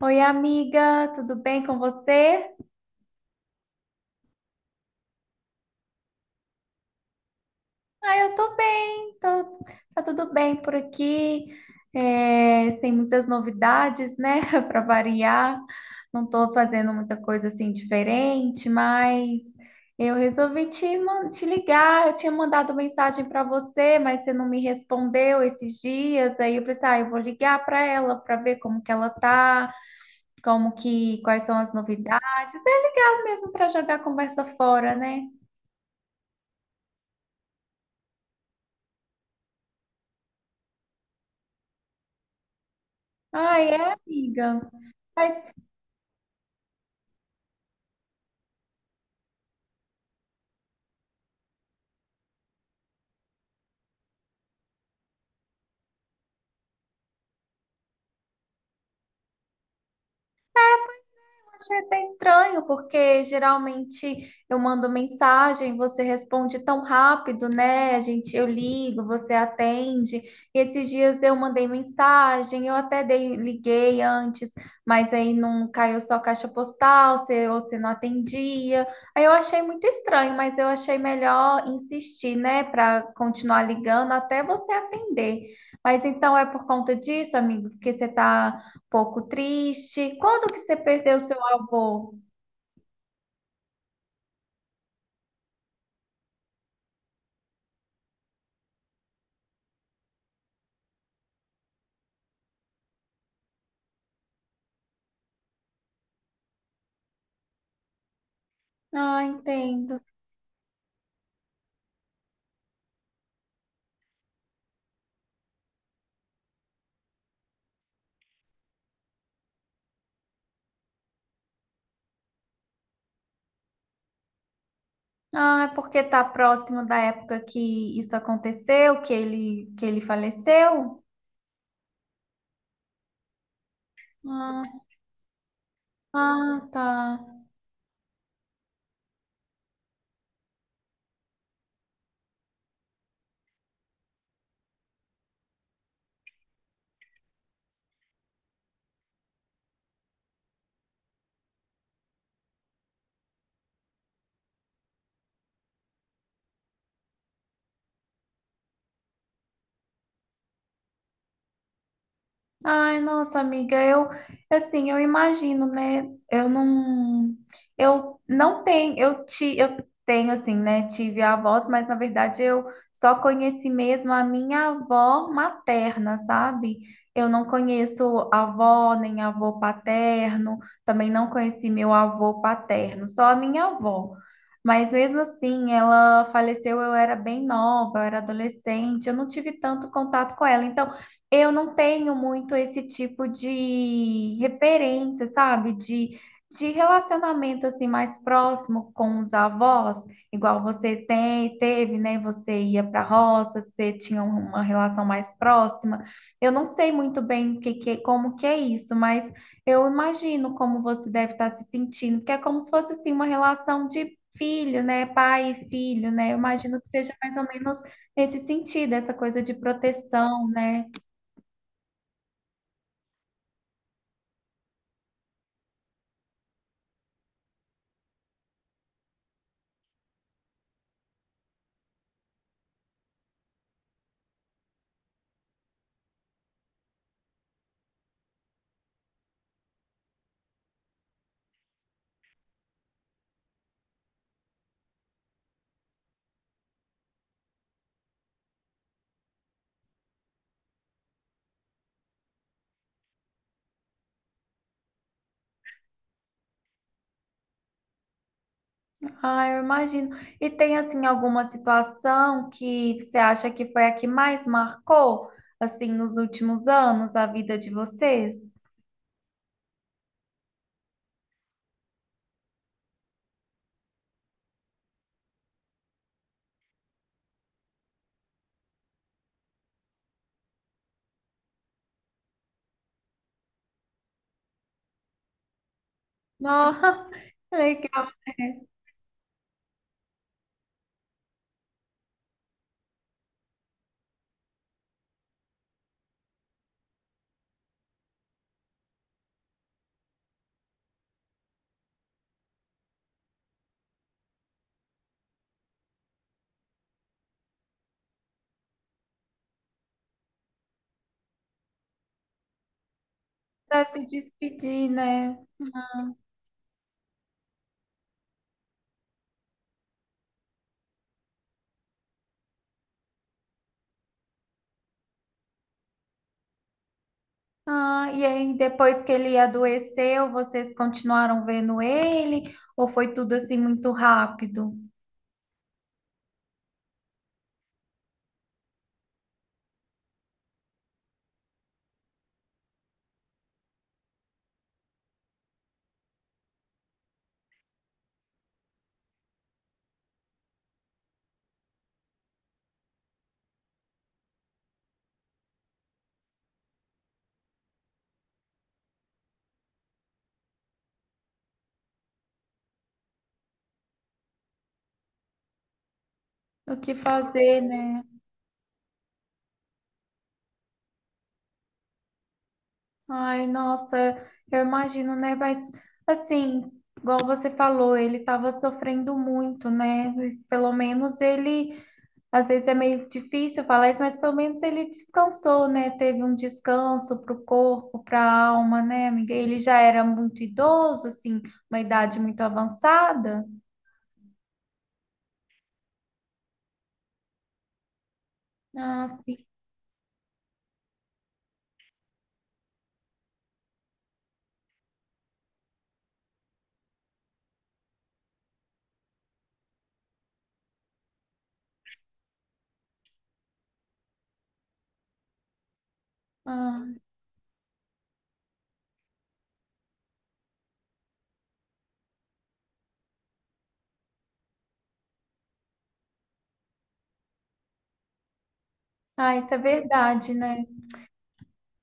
Oi, amiga, tudo bem com você? Ah, eu tô bem, tá tudo bem por aqui, é, sem muitas novidades, né, para variar. Não tô fazendo muita coisa assim diferente, mas eu resolvi te ligar. Eu tinha mandado mensagem para você, mas você não me respondeu esses dias. Aí eu pensei, ah, eu vou ligar para ela para ver como que ela tá, quais são as novidades. É legal mesmo para jogar a conversa fora, né? Ai, é, amiga. Mas eu achei até estranho, porque geralmente eu mando mensagem, você responde tão rápido, né? Eu ligo, você atende. E esses dias eu mandei mensagem, liguei antes, mas aí não caiu só caixa postal, você não atendia. Aí eu achei muito estranho, mas eu achei melhor insistir, né, para continuar ligando até você atender. Mas então é por conta disso, amigo, porque você tá pouco triste. Quando que você perdeu seu avô? Ah, entendo. Ah, é porque tá próximo da época que isso aconteceu, que ele faleceu? Ah, ah, tá. Ai, nossa amiga, eu imagino, né? Eu não tenho, eu tenho assim, né? Tive avós, mas na verdade eu só conheci mesmo a minha avó materna, sabe? Eu não conheço avó nem avô paterno, também não conheci meu avô paterno, só a minha avó. Mas mesmo assim, ela faleceu, eu era bem nova, eu era adolescente, eu não tive tanto contato com ela. Então eu não tenho muito esse tipo de referência, sabe? De relacionamento assim mais próximo com os avós, igual você teve, né? Você ia para a roça, você tinha uma relação mais próxima. Eu não sei muito bem como que é isso, mas eu imagino como você deve estar se sentindo, porque é como se fosse assim uma relação de filho, né? Pai e filho, né? Eu imagino que seja mais ou menos nesse sentido, essa coisa de proteção, né? Ah, eu imagino. E tem assim alguma situação que você acha que foi a que mais marcou assim nos últimos anos a vida de vocês? Ah, legal, né? Pra se despedir, né? Ah, e aí depois que ele adoeceu, vocês continuaram vendo ele ou foi tudo assim muito rápido? O que fazer, né? Ai, nossa, eu imagino, né? Mas assim, igual você falou, ele estava sofrendo muito, né? Pelo menos ele, às vezes é meio difícil falar isso, mas pelo menos ele descansou, né? Teve um descanso para o corpo, para a alma, né, amiga? Ele já era muito idoso, assim, uma idade muito avançada. Ah, sim. Ah, ah, isso é verdade, né?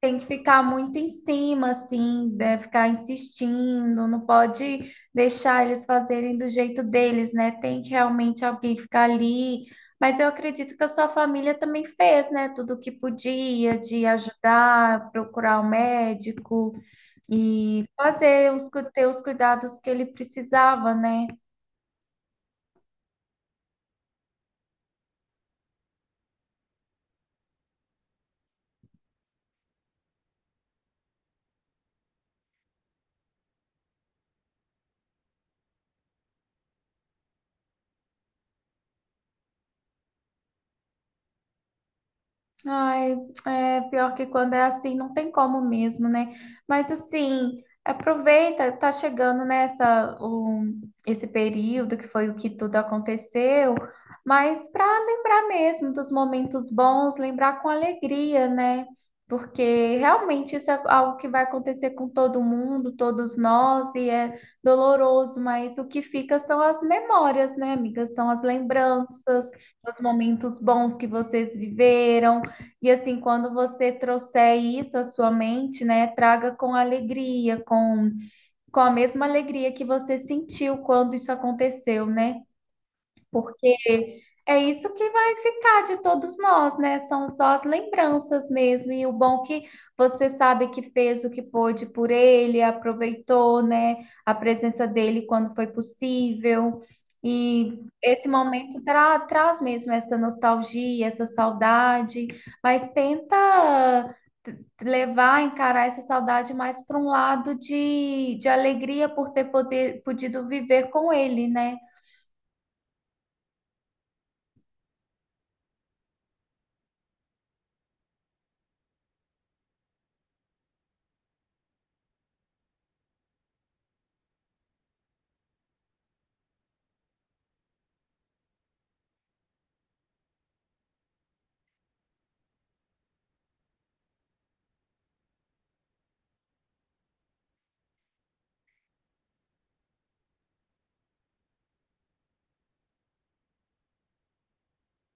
Tem que ficar muito em cima, assim, né? Ficar insistindo, não pode deixar eles fazerem do jeito deles, né? Tem que realmente alguém ficar ali. Mas eu acredito que a sua família também fez, né? Tudo o que podia de ajudar, procurar o médico e fazer ter os cuidados que ele precisava, né? Ai, é pior que quando é assim, não tem como mesmo, né? Mas assim, aproveita, tá chegando nessa o esse período que foi o que tudo aconteceu, mas para lembrar mesmo dos momentos bons, lembrar com alegria, né? Porque realmente isso é algo que vai acontecer com todo mundo, todos nós, e é doloroso, mas o que fica são as memórias, né, amiga? São as lembranças, os momentos bons que vocês viveram. E assim, quando você trouxer isso à sua mente, né, traga com alegria, com a mesma alegria que você sentiu quando isso aconteceu, né? Porque é isso que vai ficar de todos nós, né? São só as lembranças mesmo, e o bom que você sabe que fez o que pôde por ele, aproveitou, né, a presença dele quando foi possível. E esse momento traz mesmo essa nostalgia, essa saudade, mas tenta levar, encarar essa saudade mais para um lado de alegria por podido viver com ele, né?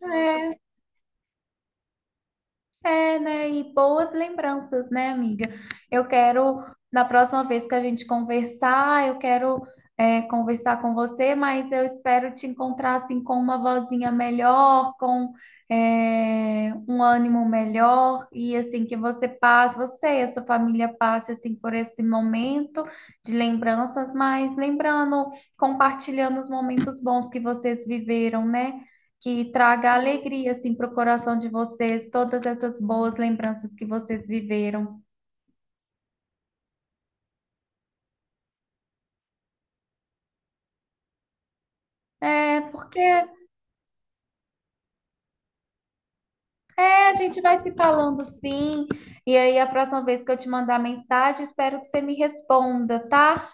É, é, né? E boas lembranças, né, amiga? Eu quero, na próxima vez que a gente conversar, eu quero, é, conversar com você, mas eu espero te encontrar assim com uma vozinha melhor, é, um ânimo melhor, e assim que você passe, você e a sua família passe assim por esse momento de lembranças, mas lembrando, compartilhando os momentos bons que vocês viveram, né? Que traga alegria assim para o coração de vocês, todas essas boas lembranças que vocês viveram. É, porque é, a gente vai se falando sim, e aí a próxima vez que eu te mandar mensagem, espero que você me responda, tá?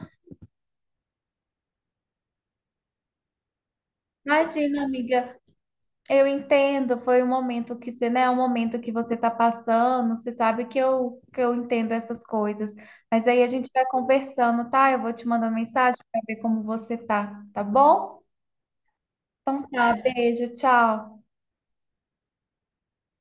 Imagina, amiga, eu entendo, foi um momento que você, né, é um momento que você tá passando, você sabe que eu entendo essas coisas, mas aí a gente vai conversando, tá? Eu vou te mandar mensagem para ver como você tá, tá bom? Tá, beijo, tchau.